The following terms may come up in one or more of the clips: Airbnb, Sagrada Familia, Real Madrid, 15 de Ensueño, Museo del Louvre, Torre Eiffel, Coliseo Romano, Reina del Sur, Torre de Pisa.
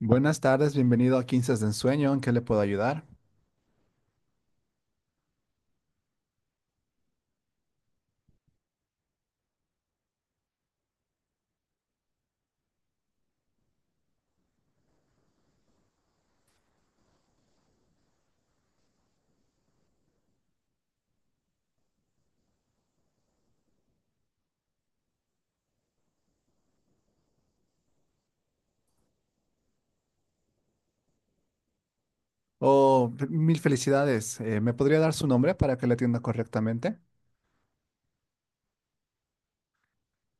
Buenas tardes, bienvenido a 15 de Ensueño, ¿en qué le puedo ayudar? Oh, mil felicidades, ¿me podría dar su nombre para que le atienda correctamente?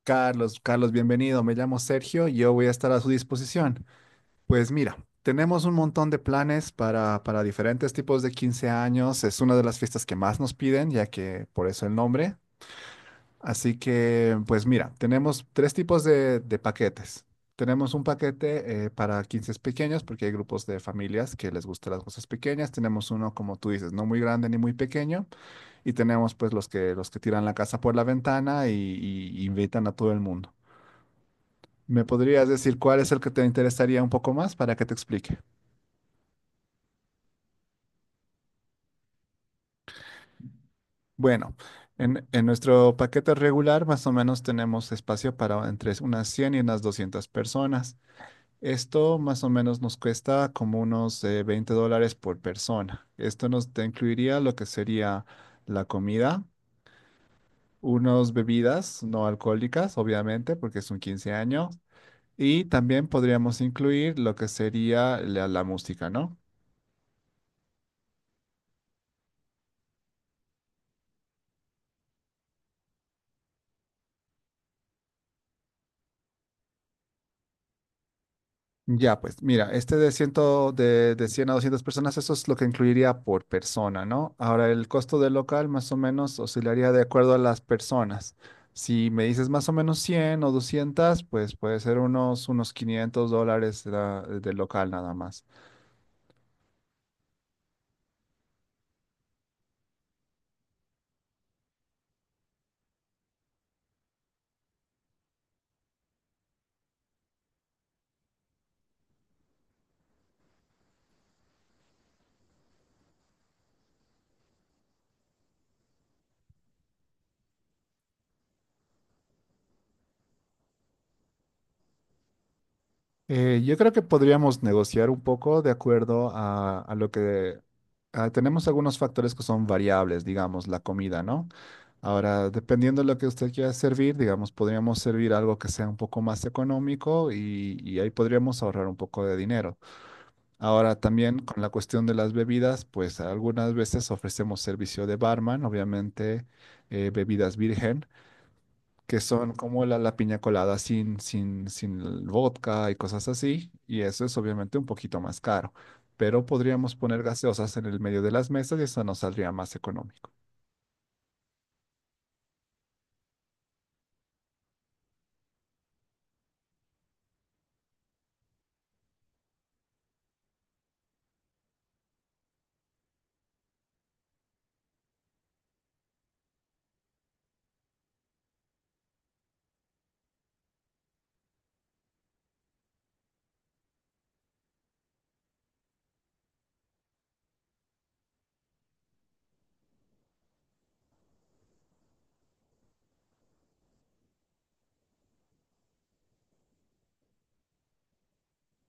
Carlos, Carlos, bienvenido, me llamo Sergio y yo voy a estar a su disposición. Pues mira, tenemos un montón de planes para diferentes tipos de 15 años, es una de las fiestas que más nos piden, ya que por eso el nombre. Así que, pues mira, tenemos tres tipos de paquetes. Tenemos un paquete para 15 pequeños, porque hay grupos de familias que les gustan las cosas pequeñas. Tenemos uno, como tú dices, no muy grande ni muy pequeño. Y tenemos pues los que tiran la casa por la ventana y invitan a todo el mundo. ¿Me podrías decir cuál es el que te interesaría un poco más para que te explique? Bueno, en nuestro paquete regular más o menos tenemos espacio para entre unas 100 y unas 200 personas. Esto más o menos nos cuesta como unos $20 por persona. Esto nos te incluiría lo que sería la comida, unas bebidas no alcohólicas, obviamente, porque es un 15 años, y también podríamos incluir lo que sería la música, ¿no? Ya, pues mira, este de 100, de 100 a 200 personas, eso es lo que incluiría por persona, ¿no? Ahora, el costo del local más o menos oscilaría de acuerdo a las personas. Si me dices más o menos 100 o 200, pues puede ser unos $500 del local nada más. Yo creo que podríamos negociar un poco de acuerdo a lo que tenemos algunos factores que son variables, digamos, la comida, ¿no? Ahora, dependiendo de lo que usted quiera servir, digamos, podríamos servir algo que sea un poco más económico y ahí podríamos ahorrar un poco de dinero. Ahora, también con la cuestión de las bebidas, pues algunas veces ofrecemos servicio de barman, obviamente bebidas virgen que son como la piña colada sin el vodka y cosas así, y eso es obviamente un poquito más caro, pero podríamos poner gaseosas en el medio de las mesas y eso nos saldría más económico.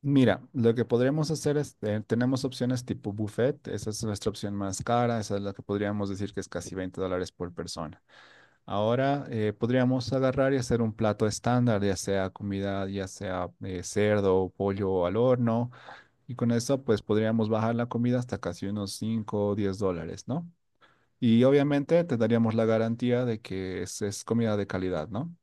Mira, lo que podríamos hacer es, tenemos opciones tipo buffet, esa es nuestra opción más cara, esa es la que podríamos decir que es casi $20 por persona. Ahora podríamos agarrar y hacer un plato estándar, ya sea comida, ya sea cerdo, o pollo al horno, y con eso, pues podríamos bajar la comida hasta casi unos $5 o $10, ¿no? Y obviamente te daríamos la garantía de que es comida de calidad, ¿no?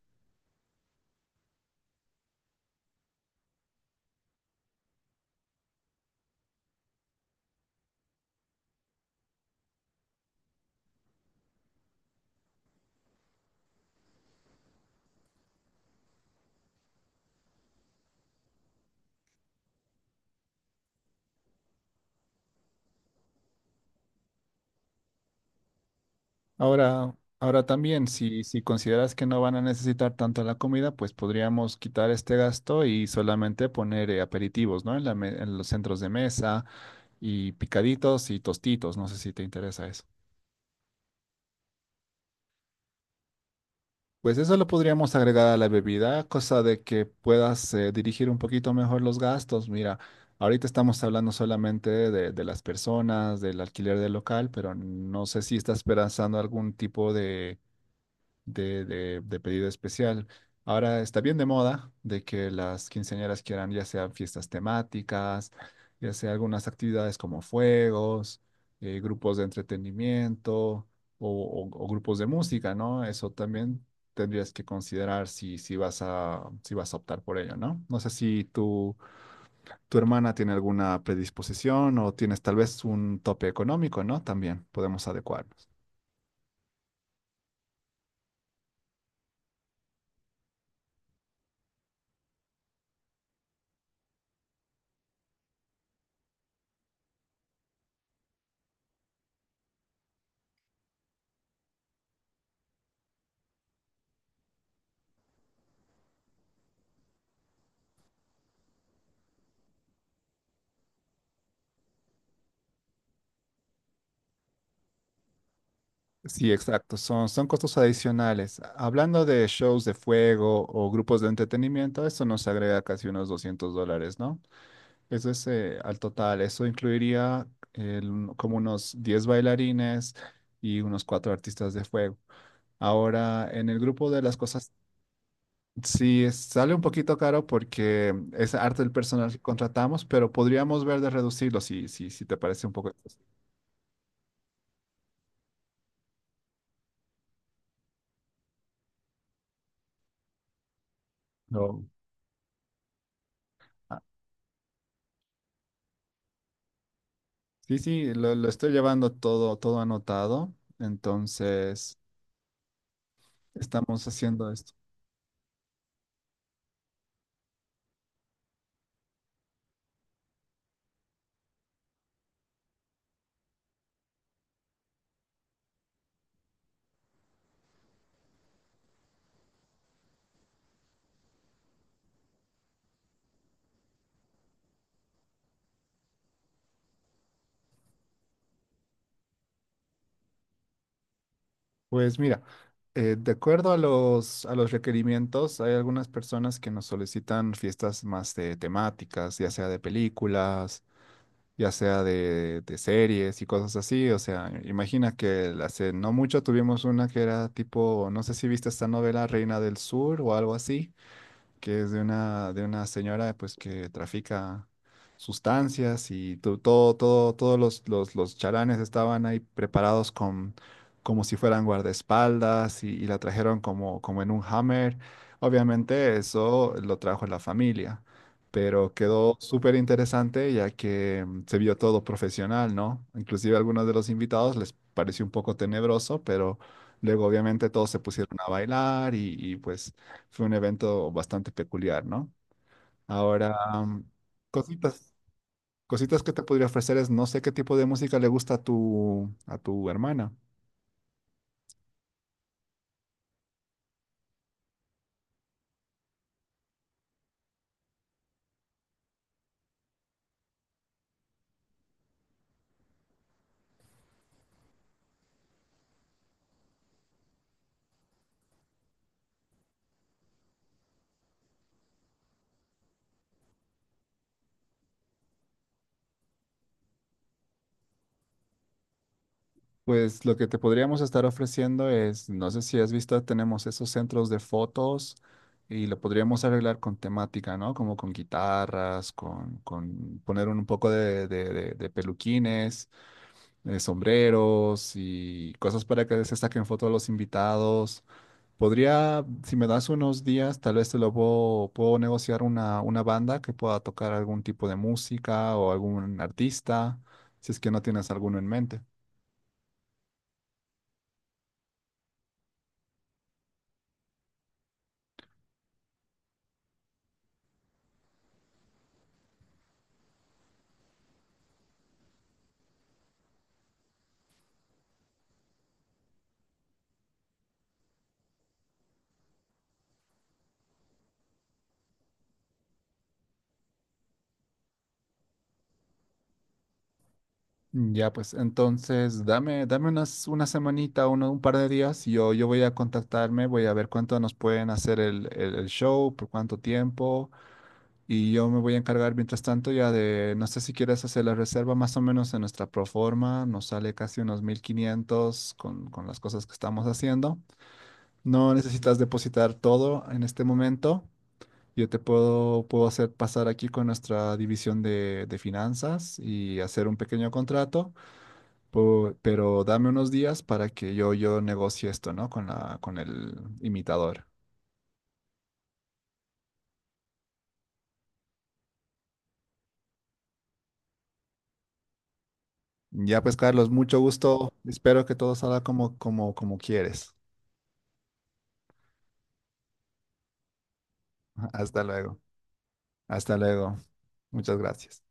Ahora, ahora también, si consideras que no van a necesitar tanto la comida, pues podríamos quitar este gasto y solamente poner aperitivos, ¿no? En los centros de mesa y picaditos y tostitos. No sé si te interesa eso. Pues eso lo podríamos agregar a la bebida, cosa de que puedas dirigir un poquito mejor los gastos. Mira, ahorita estamos hablando solamente de las personas, del alquiler del local, pero no sé si estás pensando algún tipo de de pedido especial. Ahora está bien de moda de que las quinceañeras quieran ya sean fiestas temáticas, ya sea algunas actividades como fuegos, grupos de entretenimiento o grupos de música, ¿no? Eso también tendrías que considerar si vas a, si vas a optar por ello, ¿no? No sé si tu hermana tiene alguna predisposición o tienes tal vez un tope económico, ¿no? También podemos adecuarnos. Sí, exacto, son costos adicionales. Hablando de shows de fuego o grupos de entretenimiento, eso nos agrega casi unos $200, ¿no? Eso es al total, eso incluiría como unos 10 bailarines y unos 4 artistas de fuego. Ahora, en el grupo de las cosas, sí, sale un poquito caro porque es arte del personal que contratamos, pero podríamos ver de reducirlo si, si te parece un poco excesivo. No. Sí, sí, lo estoy llevando todo, todo anotado, entonces estamos haciendo esto. Pues mira, de acuerdo a los requerimientos, hay algunas personas que nos solicitan fiestas más de temáticas, ya sea de películas, ya sea de series y cosas así. O sea, imagina que hace no mucho tuvimos una que era tipo, no sé si viste esta novela Reina del Sur o algo así, que es de una señora pues que trafica sustancias y todo, todo, los chalanes estaban ahí preparados con, como si fueran guardaespaldas y la trajeron como, como en un hammer. Obviamente eso lo trajo la familia, pero quedó súper interesante ya que se vio todo profesional, ¿no? Inclusive a algunos de los invitados les pareció un poco tenebroso, pero luego obviamente todos se pusieron a bailar pues fue un evento bastante peculiar, ¿no? Ahora, um, cositas, cositas que te podría ofrecer es, no sé qué tipo de música le gusta a a tu hermana. Pues lo que te podríamos estar ofreciendo es, no sé si has visto, tenemos esos centros de fotos y lo podríamos arreglar con temática, ¿no? Como con guitarras, con poner un poco de peluquines, sombreros y cosas para que se saquen fotos a los invitados. Podría, si me das unos días, tal vez te lo puedo, puedo negociar una banda que pueda tocar algún tipo de música o algún artista, si es que no tienes alguno en mente. Ya, pues entonces dame, dame unas, una semanita, uno, un par de días, yo voy a contactarme, voy a ver cuánto nos pueden hacer el show, por cuánto tiempo, y yo me voy a encargar mientras tanto ya de, no sé si quieres hacer la reserva más o menos en nuestra proforma, nos sale casi unos 1500 con las cosas que estamos haciendo. No necesitas depositar todo en este momento. Yo te puedo, puedo hacer pasar aquí con nuestra división de finanzas y hacer un pequeño contrato, pero dame unos días para que yo negocie esto, ¿no? Con la, con el imitador. Ya pues, Carlos, mucho gusto. Espero que todo salga como, como, como quieres. Hasta luego. Hasta luego. Muchas gracias.